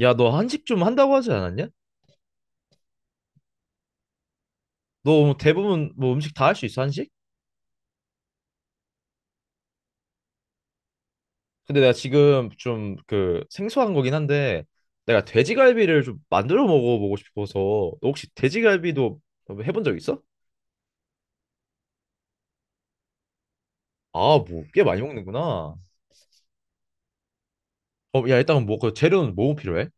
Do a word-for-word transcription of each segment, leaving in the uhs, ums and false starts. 야, 너 한식 좀 한다고 하지 않았냐? 너뭐 대부분 뭐 음식 다 할 수 있어, 한식? 근데 내가 지금 좀 그 생소한 거긴 한데 내가 돼지갈비를 좀 만들어 먹어보고 싶어서. 너 혹시 돼지갈비도 뭐 해본 적 있어? 아, 뭐 꽤 많이 먹는구나. 어, 야, 일단 뭐그 재료는 뭐 필요해?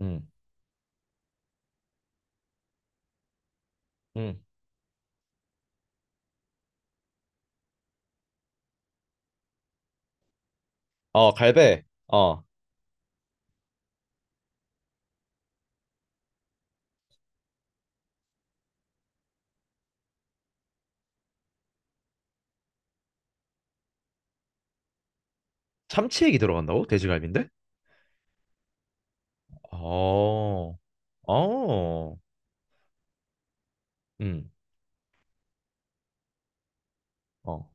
응, 응. 어, 갈배. 어, 참치액이 들어간다고? 돼지갈비인데? 어, 어, 응, 어,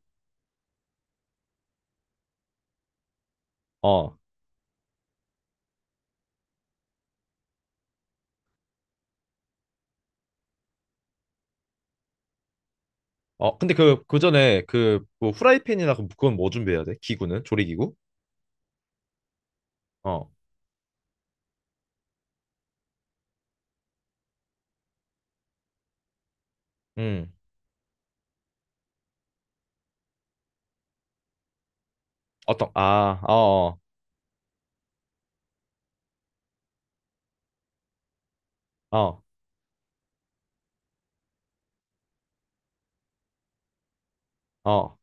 어. 어, 근데 그, 그 전에 그, 뭐, 후라이팬이나 그- 그건 뭐 준비해야 돼? 기구는? 조리기구? 어, 음. 어떤, 아, 어, 어, 어.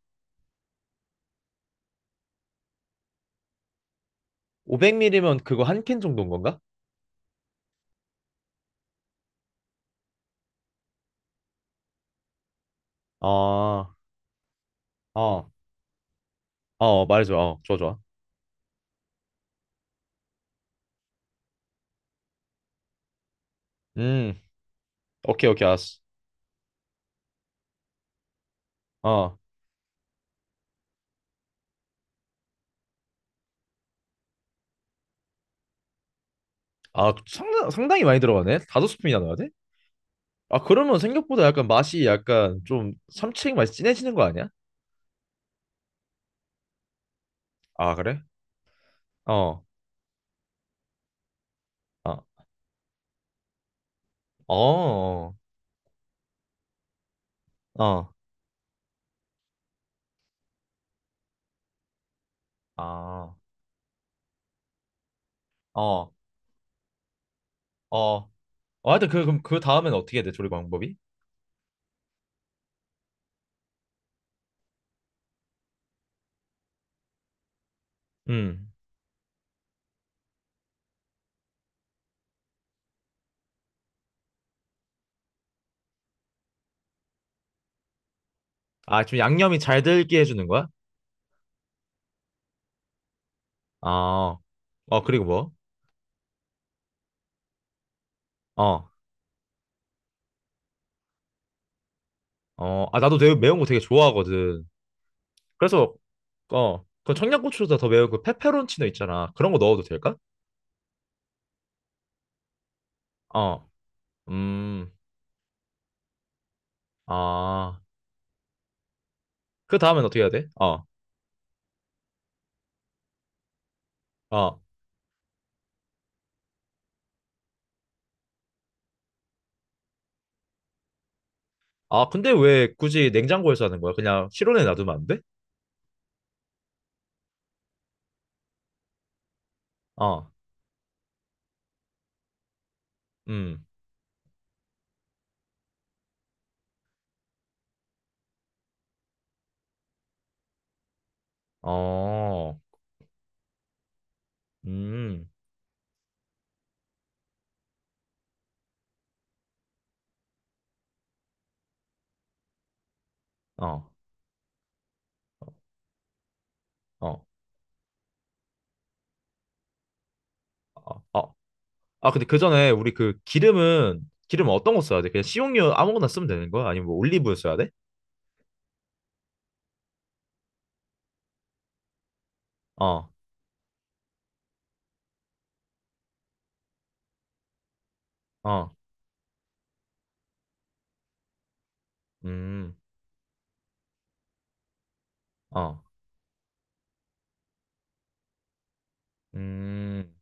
오백 밀리리터면 그거 한 캔 정도인 건가? 아, 어, 어, 어, 말해줘. 어, 좋아, 좋아. 음, 오케이, 오케이, 알았어. 어. 아, 상당, 상당히 많이 들어가네? 다섯 스푼이나 넣어야 돼? 아, 그러면 생각보다 약간 맛이 약간 좀 삼치액 맛이 진해지는 거 아니야? 아, 그래? 어, 어, 어, 어, 아, 어, 어. 아, 근데 그, 그럼 그 다음엔 어떻게 해야 돼? 조리 방법이? 음. 아, 좀 양념이 잘 들게 해주는 거야? 아, 어, 그리고 뭐? 어, 어, 아, 나도 되게 매운 거 되게 좋아하거든. 그래서, 어, 그 청양고추보다 더 매운 그 페페론치노 있잖아. 그런 거 넣어도 될까? 어, 음, 아, 그 다음엔 어떻게 해야 돼? 어, 어, 아, 근데 왜 굳이 냉장고에서 하는 거야? 그냥 실온에 놔두면 안 돼? 어, 음, 어, 음, 어, 어, 어, 어, 아, 근데 그 전에 우리 그 기름은, 기름 어떤 거 써야 돼? 그냥 식용유 아무거나 쓰면 되는 거야? 아니면 뭐 올리브유 써야 돼? 어, 어, 음, 어, 음.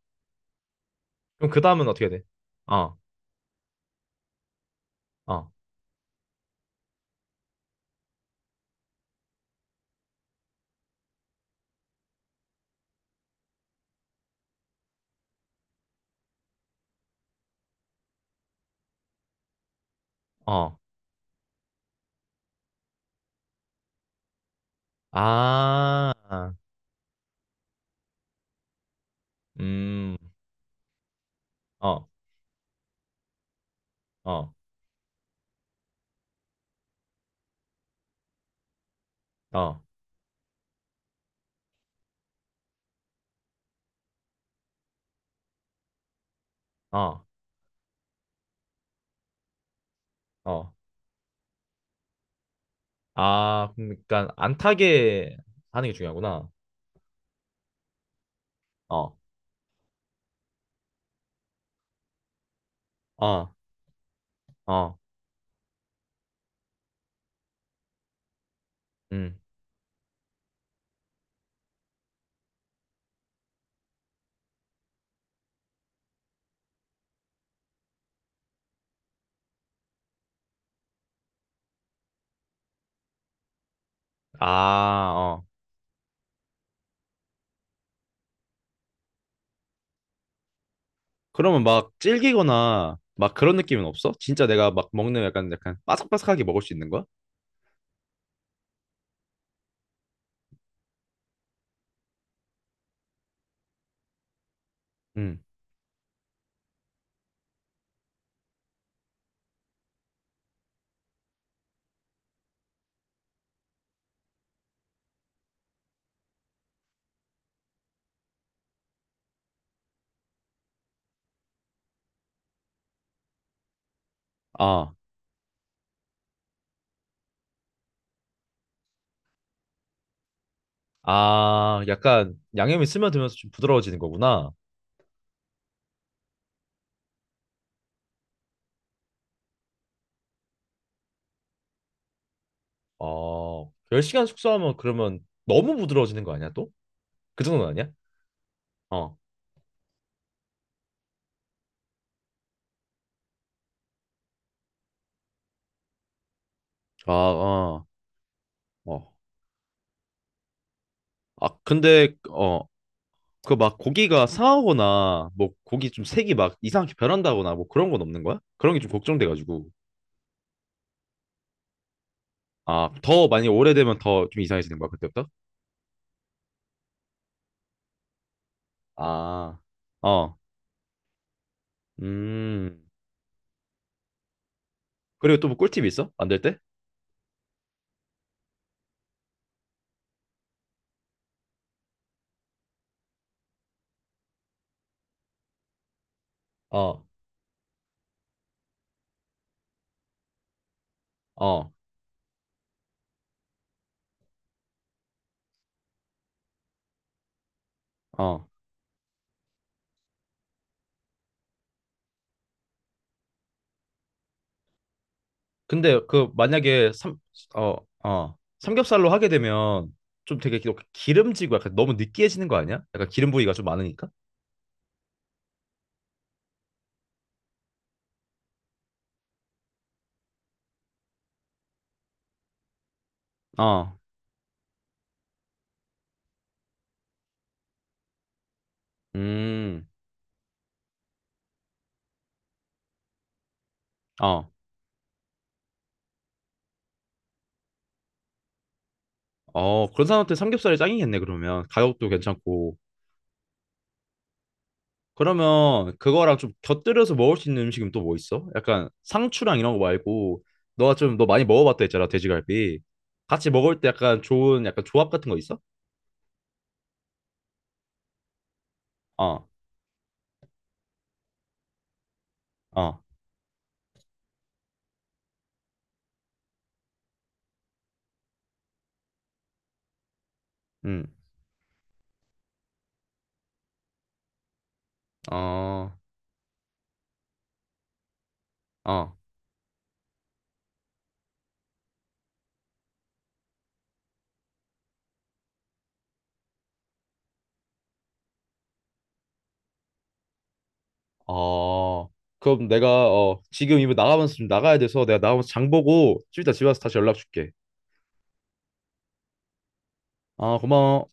그럼 그 다음은 어떻게 돼? 어, 어, 어. 아, 음, 어, 어, 어, 어, 어. 아, 그러니까 안 타게 하는 게 중요하구나. 어, 어, 어, 음. 아, 어. 그러면 막 질기거나 막 그런 느낌은 없어? 진짜 내가 막 먹는 약간 약간 바삭바삭하게 먹을 수 있는 거야? 응. 아, 아, 약간 양념이 스며들면서 좀 부드러워지는 거구나. 어, 열 시간 숙성하면 그러면 너무 부드러워지는 거 아니야, 또? 그 정도는 아니야? 어. 아, 아, 어. 아, 근데 어, 그 막 고기가 상하거나 뭐 고기 좀 색이 막 이상하게 변한다거나 뭐 그런 건 없는 거야? 그런 게 좀 걱정돼가지고. 아, 더 많이 오래되면 더 좀 이상해지는 거야, 그때부터? 아, 어, 음. 그리고 또 뭐 꿀팁 있어? 만들 때? 어. 어, 어, 근데 그 만약에 삼, 어, 어, 삼겹살로 하게 되면 좀 되게 기- 기름지고 약간 너무 느끼해지는 거 아니야? 약간 기름 부위가 좀 많으니까? 어, 음, 어, 어. 그런 사람한테 삼겹살이 짱이겠네, 그러면. 가격도 괜찮고. 그러면 그거랑 좀 곁들여서 먹을 수 있는 음식은 또 뭐 있어? 약간 상추랑 이런 거 말고 너가 좀 너 많이 먹어봤다 했잖아 돼지갈비 같이 먹을 때 약간 좋은 약간 조합 같은 거 있어? 어, 어, 음, 어, 어, 어. 그럼 내가 어 지금 이거 나가면서 좀 나가야 돼서 내가 나가면서 장 보고 좀 이따 집에 와서 다시 연락 줄게. 아 고마워.